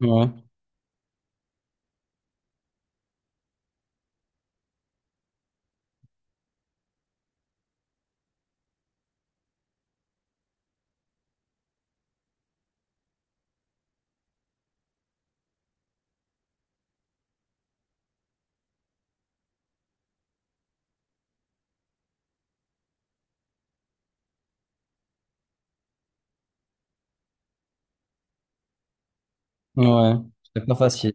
Ouais, ouais. C'est pas facile.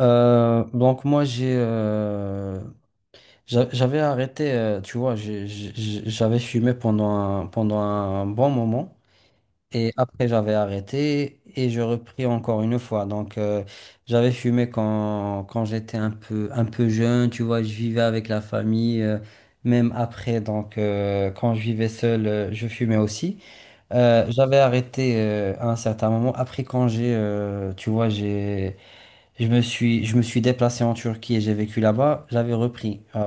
Donc moi j'ai j'avais arrêté, tu vois, j'avais fumé pendant un bon moment, et après j'avais arrêté et je repris encore une fois. J'avais fumé quand j'étais un peu jeune, tu vois, je vivais avec la famille, même après, quand je vivais seul, je fumais aussi. J'avais arrêté à un certain moment. Après quand tu vois, j'ai... je me suis déplacé en Turquie et j'ai vécu là-bas. J'avais repris. Euh,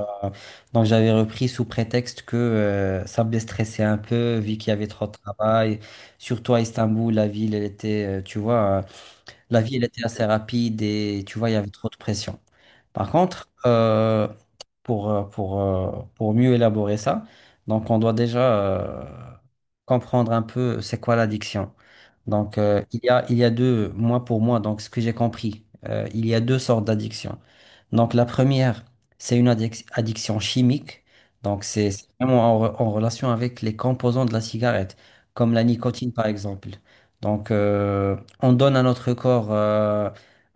donc j'avais repris sous prétexte que ça me déstressait un peu, vu qu'il y avait trop de travail. Surtout à Istanbul, la ville, elle était, tu vois, la ville elle était assez rapide et tu vois, il y avait trop de pression. Par contre, pour mieux élaborer ça, donc on doit déjà euh, comprendre un peu c'est quoi l'addiction. Il y a deux, moi pour moi, donc ce que j'ai compris, il y a deux sortes d'addictions. Donc, la première, c'est une addiction chimique. Donc, c'est vraiment en, en relation avec les composants de la cigarette, comme la nicotine par exemple. Donc, euh, on donne à notre corps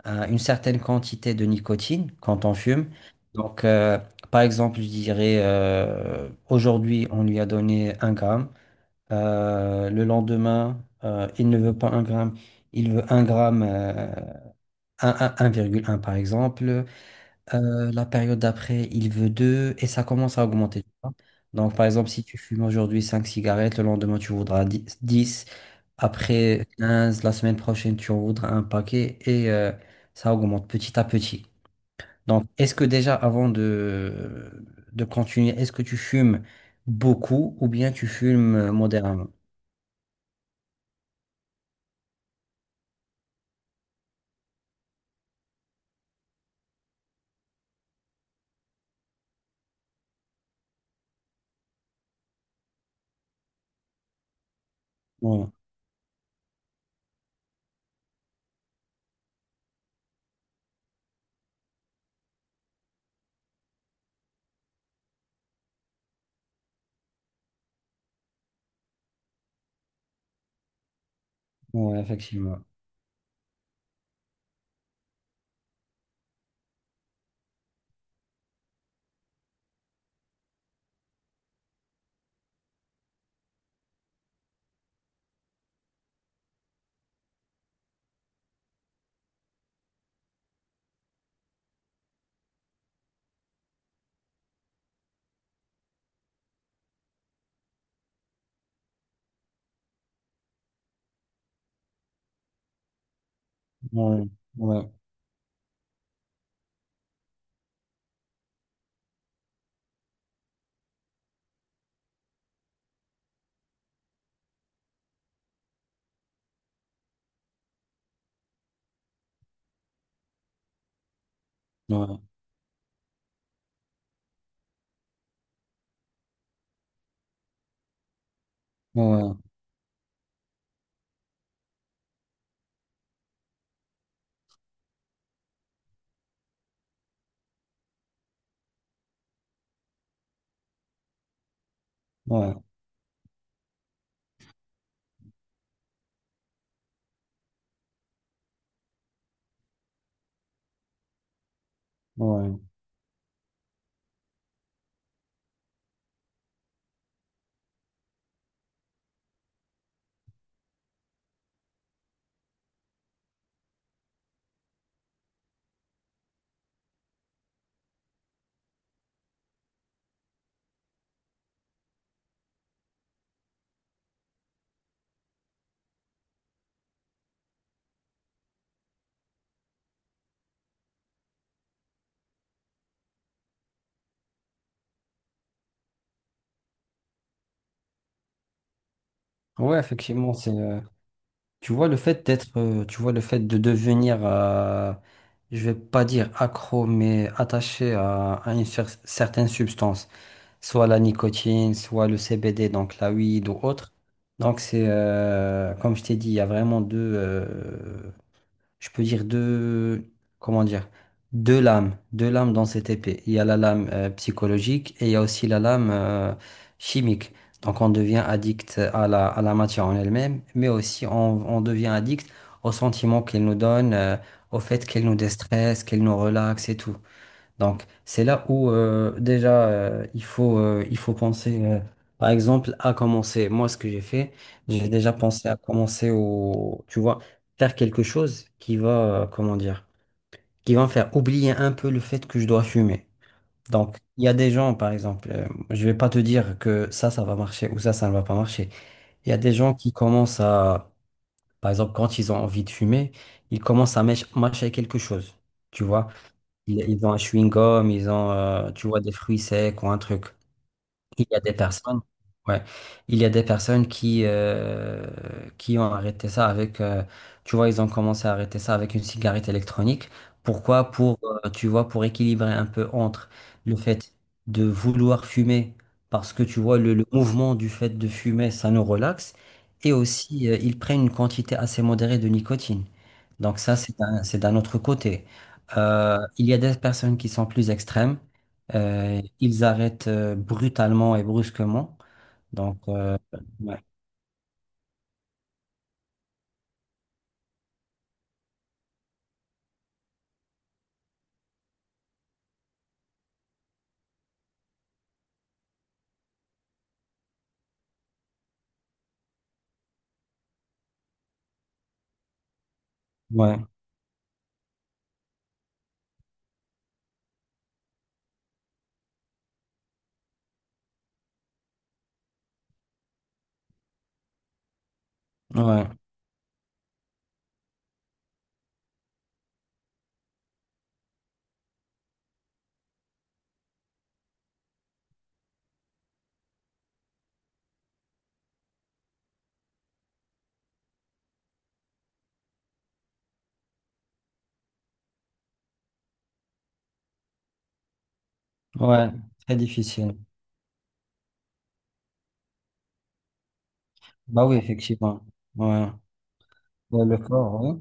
une certaine quantité de nicotine quand on fume. Donc, euh, par exemple, je dirais, aujourd'hui, on lui a donné un gramme. Le lendemain, il ne veut pas un gramme, il veut un gramme, 1,1 par exemple. La période d'après, il veut 2 et ça commence à augmenter, tu vois. Donc, par exemple, si tu fumes aujourd'hui 5 cigarettes, le lendemain, tu voudras 10. Après 15, la semaine prochaine, tu en voudras un paquet, ça augmente petit à petit. Donc, est-ce que déjà, avant de continuer, est-ce que tu fumes beaucoup ou bien tu fumes modérément? Bon. Ouais, effectivement. Ouais, ouais, ouais, ouais, ouais, ouais. Ouais. Ouais, effectivement, c'est. Tu vois le fait d'être, tu vois le fait de devenir, je vais pas dire accro, mais attaché à une certaine substance, soit la nicotine, soit le CBD, donc la weed ou autre. Donc comme je t'ai dit, il y a vraiment deux. Je peux dire deux, comment dire, deux lames dans cette épée. Il y a la lame psychologique et il y a aussi la lame chimique. Donc on devient addict à la matière en elle-même, mais aussi on devient addict aux sentiments qu'elle nous donne, au fait qu'elle nous déstresse, qu'elle nous relaxe et tout. C'est là où déjà il faut penser, par exemple, à commencer. Moi, ce que j'ai fait, j'ai déjà pensé à commencer au, tu vois, faire quelque chose qui va, comment dire, qui va me faire oublier un peu le fait que je dois fumer. Donc, il y a des gens, par exemple, je vais pas te dire que ça va marcher ou ça ne va pas marcher. Il y a des gens qui commencent à, par exemple, quand ils ont envie de fumer, ils commencent à mâcher quelque chose. Tu vois? Ils ont un chewing-gum, ils ont, tu vois, des fruits secs ou un truc. Il y a des personnes, ouais, il y a des personnes qui ont arrêté ça avec, tu vois, ils ont commencé à arrêter ça avec une cigarette électronique. Pourquoi? Tu vois, pour équilibrer un peu entre le fait de vouloir fumer, parce que tu vois, le mouvement du fait de fumer, ça nous relaxe, et aussi, ils prennent une quantité assez modérée de nicotine. Donc ça, c'est d'un autre côté. Il y a des personnes qui sont plus extrêmes, ils arrêtent brutalement et brusquement. Donc, euh, ouais, ouais, ouais, ouais, très difficile. Bah oui, effectivement. Ouais. Ouais, le corps, ouais.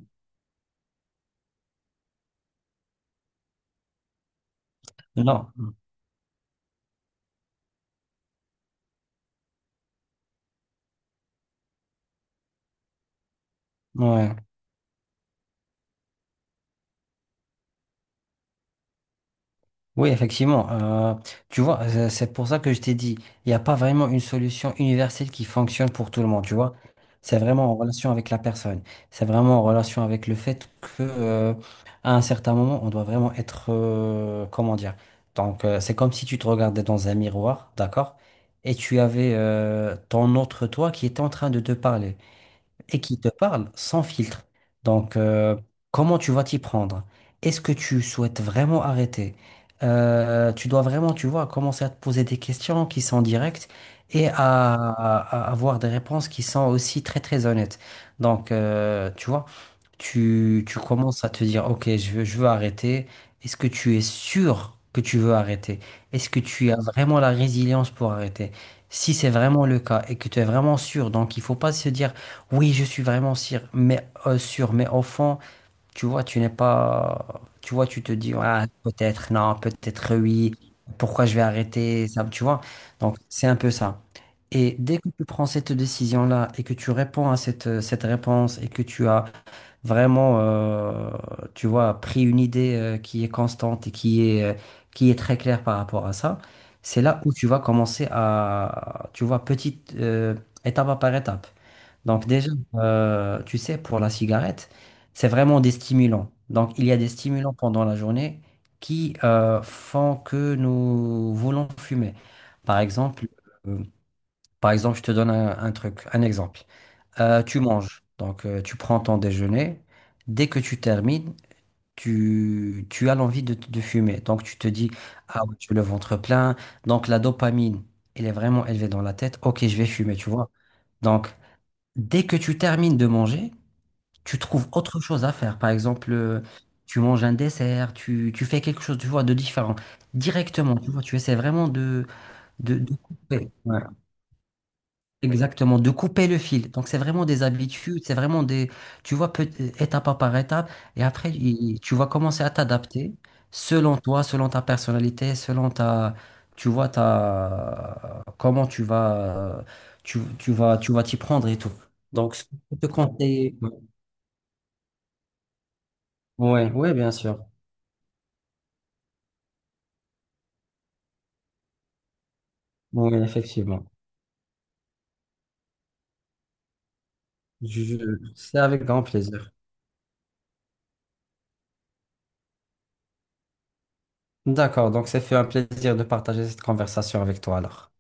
Non, ouais. Oui, effectivement. Tu vois, c'est pour ça que je t'ai dit, il n'y a pas vraiment une solution universelle qui fonctionne pour tout le monde, tu vois. C'est vraiment en relation avec la personne. C'est vraiment en relation avec le fait que, à un certain moment, on doit vraiment être, comment dire. C'est comme si tu te regardais dans un miroir, d'accord? Et tu avais, ton autre toi qui était en train de te parler et qui te parle sans filtre. Donc, euh, comment tu vas t'y prendre? Est-ce que tu souhaites vraiment arrêter? Tu dois vraiment, tu vois, commencer à te poser des questions qui sont directes et à, à avoir des réponses qui sont aussi très, très honnêtes. Tu vois tu commences à te dire, OK, je veux arrêter. Est-ce que tu es sûr que tu veux arrêter? Est-ce que tu as vraiment la résilience pour arrêter? Si c'est vraiment le cas et que tu es vraiment sûr, donc il faut pas se dire, oui, je suis vraiment sûr, mais sûr, mais au fond, tu vois, tu n'es pas, tu vois, tu te dis, ah, peut-être, non, peut-être oui, pourquoi je vais arrêter ça, tu vois? Donc c'est un peu ça. Et dès que tu prends cette décision-là et que tu réponds à cette, cette réponse et que tu as vraiment, tu vois, pris une idée qui est constante et qui est très claire par rapport à ça, c'est là où tu vas commencer à, tu vois, petite étape par étape. Donc déjà, tu sais, pour la cigarette, c'est vraiment des stimulants. Donc il y a des stimulants pendant la journée qui font que nous voulons fumer. Par exemple, euh, par exemple, je te donne un truc, un exemple. Tu manges, tu prends ton déjeuner. Dès que tu termines, tu as l'envie de fumer. Donc tu te dis, ah ouais, j'ai le ventre plein. Donc la dopamine, elle est vraiment élevée dans la tête. Ok, je vais fumer, tu vois. Donc dès que tu termines de manger, tu trouves autre chose à faire. Par exemple, tu manges un dessert, tu fais quelque chose, tu vois, de différent. Directement, tu vois, tu essaies vraiment de couper. Ouais. Exactement, de couper le fil. Donc, c'est vraiment des habitudes, c'est vraiment des, tu vois, étape par étape, et après, tu vas commencer à t'adapter selon toi, selon ta personnalité, selon ta, tu vois, ta, comment tu vas, tu vas t'y prendre et tout. Donc, ce que je peux te conseiller, ouais, ouais, bien sûr, oui, effectivement. Je- je- C'est avec grand plaisir. D'accord, donc c'est fait un plaisir de partager cette conversation avec toi alors.